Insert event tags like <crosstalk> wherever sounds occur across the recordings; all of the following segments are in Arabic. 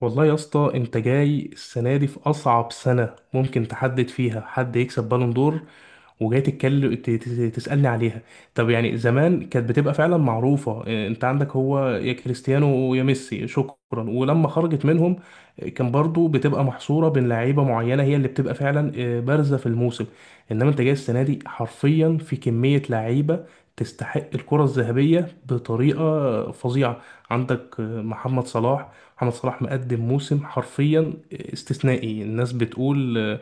والله يا اسطى، انت جاي السنه دي في اصعب سنه ممكن تحدد فيها حد يكسب بالون دور، وجاي تتكلم تسالني عليها. طب يعني زمان كانت بتبقى فعلا معروفه، انت عندك هو يا كريستيانو ويا ميسي، شكرا. ولما خرجت منهم، اه، كان برضو بتبقى محصوره بين لعيبه معينه هي اللي بتبقى فعلا بارزه في الموسم. انما انت جاي السنه دي حرفيا في كميه لعيبه تستحق الكره الذهبيه بطريقه فظيعه. عندك محمد صلاح. محمد صلاح مقدم موسم حرفيا استثنائي. الناس بتقول،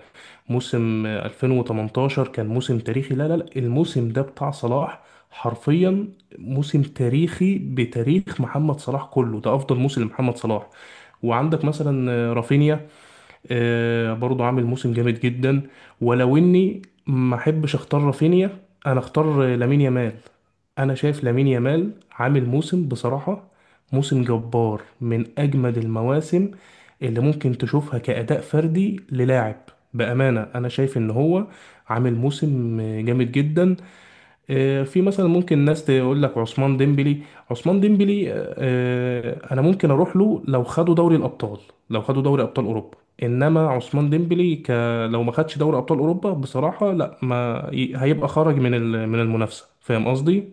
موسم 2018 كان موسم تاريخي. لا لا لا، الموسم ده بتاع صلاح حرفيا. موسم تاريخي بتاريخ محمد صلاح كله، ده افضل موسم لمحمد صلاح. وعندك مثلا رافينيا، برضو عامل موسم جامد جدا. ولو اني ما احبش اختار رافينيا، انا اختار لامين يامال. انا شايف لامين يامال عامل موسم، بصراحة موسم جبار، من اجمد المواسم اللي ممكن تشوفها كأداء فردي للاعب. بأمانة انا شايف ان هو عامل موسم جامد جدا. في مثلا ممكن ناس تقول لك عثمان ديمبلي. عثمان ديمبلي، انا ممكن اروح له لو خدوا دوري الابطال، لو خدوا دوري ابطال اوروبا. انما عثمان ديمبلي لو ما خدش دوري ابطال اوروبا بصراحة، لا، ما هيبقى خرج من من المنافسة، فاهم قصدي؟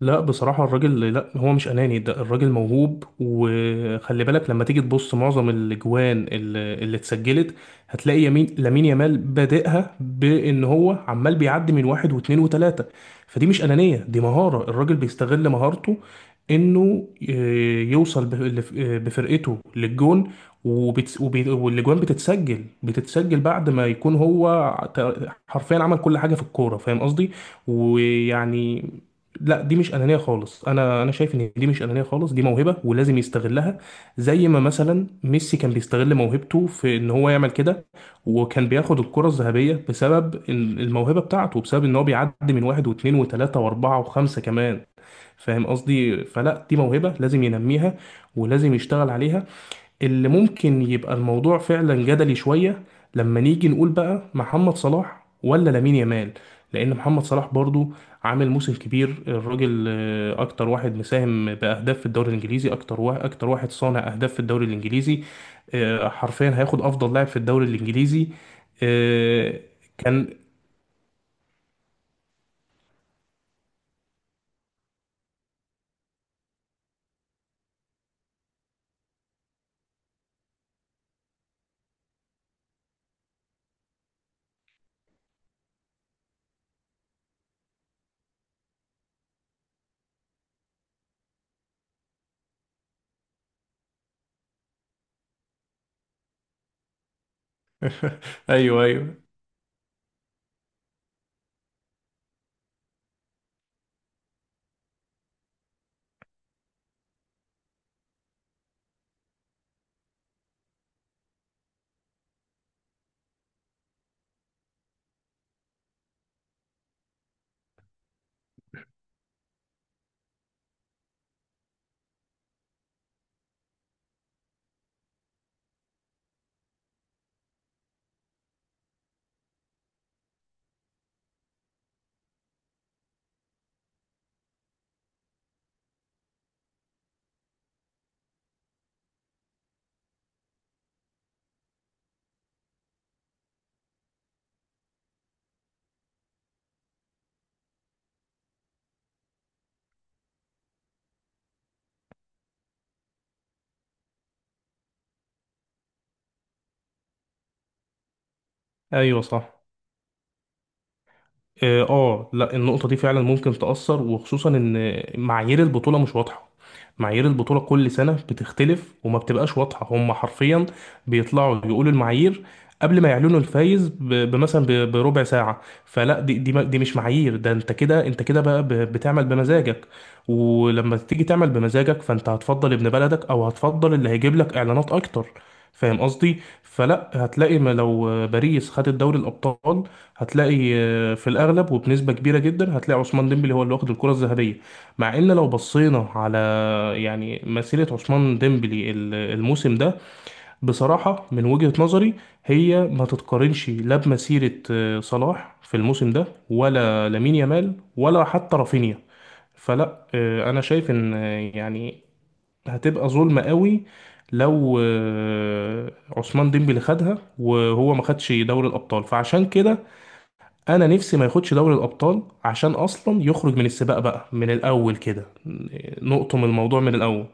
لا بصراحة، الراجل لا، هو مش أناني. ده الراجل موهوب، وخلي بالك لما تيجي تبص، معظم الأجوان اللي اتسجلت، هتلاقي يمين لامين يامال بادئها، بإن هو عمال بيعدي من واحد واتنين وتلاتة. فدي مش أنانية، دي مهارة. الراجل بيستغل مهارته إنه يوصل بفرقته للجون. والأجوان بتتسجل، بعد ما يكون هو حرفيا عمل كل حاجة في الكورة. فاهم قصدي؟ ويعني لا، دي مش انانيه خالص. انا شايف ان دي مش انانيه خالص، دي موهبه ولازم يستغلها. زي ما مثلا ميسي كان بيستغل موهبته في ان هو يعمل كده، وكان بياخد الكره الذهبيه بسبب الموهبه بتاعته، بسبب ان هو بيعدي من واحد واثنين وثلاثه واربعه وخمسه كمان. فاهم قصدي؟ فلا، دي موهبه لازم ينميها ولازم يشتغل عليها. اللي ممكن يبقى الموضوع فعلا جدلي شوية لما نيجي نقول بقى محمد صلاح ولا لامين يامال. لأن محمد صلاح برضو عامل موسم كبير. الراجل أكتر واحد مساهم بأهداف في الدوري الإنجليزي، أكتر واحد صانع أهداف في الدوري الإنجليزي. حرفيا هياخد أفضل لاعب في الدوري الإنجليزي. آه، كان <laughs> أيوه، أيوه، أيوه، صح. لا، النقطة دي فعلا ممكن تأثر، وخصوصا ان معايير البطولة مش واضحة. معايير البطولة كل سنة بتختلف وما بتبقاش واضحة. هم حرفيا بيطلعوا يقولوا المعايير قبل ما يعلنوا الفايز، بمثلا بربع ساعة. فلا، دي مش معايير. ده انت كده، انت كده بقى بتعمل بمزاجك. ولما تيجي تعمل بمزاجك، فانت هتفضل ابن بلدك او هتفضل اللي هيجيب لك اعلانات اكتر. فاهم قصدي؟ فلا، هتلاقي، ما لو باريس خدت دوري الابطال، هتلاقي في الاغلب وبنسبه كبيره جدا، هتلاقي عثمان ديمبلي هو اللي واخد الكره الذهبيه. مع ان لو بصينا على، يعني، مسيره عثمان ديمبلي الموسم ده، بصراحه من وجهه نظري، هي ما تتقارنش لا بمسيره صلاح في الموسم ده، ولا لامين يامال، ولا حتى رافينيا. فلا، انا شايف ان، يعني، هتبقى ظلمه قوي لو عثمان ديمبلي خدها وهو ما خدش دوري الابطال. فعشان كده انا نفسي ما ياخدش دوري الابطال عشان اصلا يخرج من السباق بقى من الاول كده. نقطم الموضوع من الاول.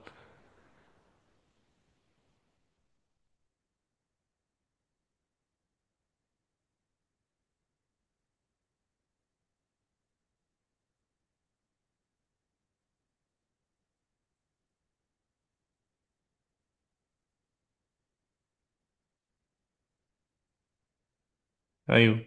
ايوه،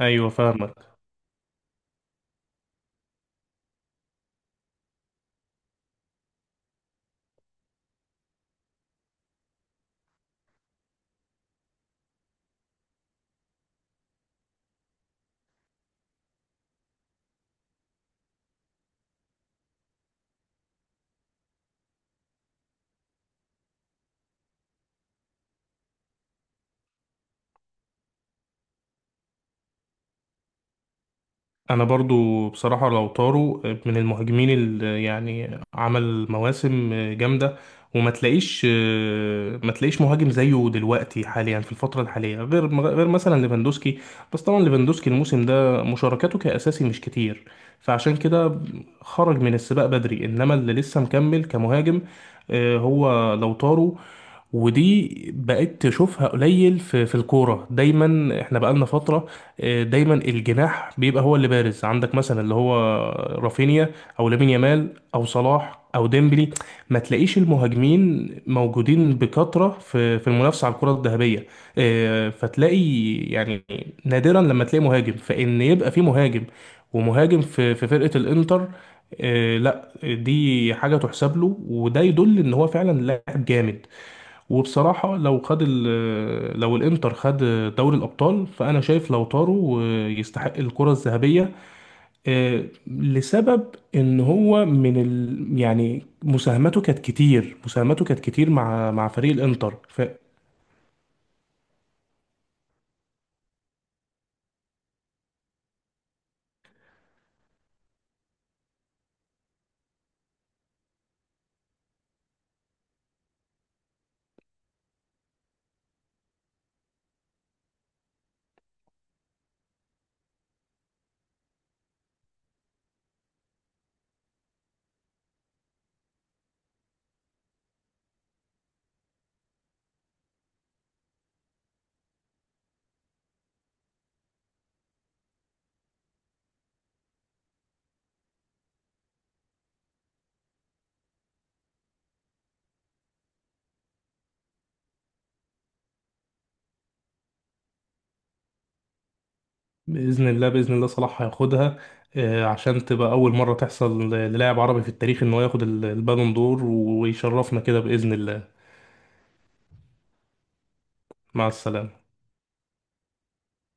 ايوه، فاهمك. انا برضو بصراحة، لو طاروا من المهاجمين اللي يعني عمل مواسم جامدة، وما تلاقيش، ما تلاقيش مهاجم زيه دلوقتي حاليا في الفترة الحالية غير مثلا ليفاندوسكي. بس طبعا ليفاندوسكي الموسم ده مشاركاته كأساسي مش كتير، فعشان كده خرج من السباق بدري. انما اللي لسه مكمل كمهاجم، هو لو طاروا. ودي بقيت تشوفها قليل في الكورة، دايما احنا بقالنا فترة، دايما الجناح بيبقى هو اللي بارز. عندك مثلا اللي هو رافينيا، او لامين يامال، او صلاح، او ديمبلي. ما تلاقيش المهاجمين موجودين بكثرة في المنافسة على الكرة الذهبية. فتلاقي يعني نادرا لما تلاقي مهاجم، فإن يبقى في مهاجم ومهاجم في فرقة الإنتر. لا، دي حاجة تحسب له، وده يدل إن هو فعلا لاعب جامد. وبصراحة لو خد لو الانتر خد دوري الابطال، فانا شايف لو طاروا يستحق الكرة الذهبية. لسبب ان هو من يعني مساهمته كانت كتير، مساهمته كانت كتير مع فريق الانتر. فباذن الله، باذن الله صلاح هياخدها. عشان تبقى اول مرة تحصل للاعب عربي في التاريخ ان هو ياخد البالون دور، ويشرفنا كده باذن الله. مع السلامة.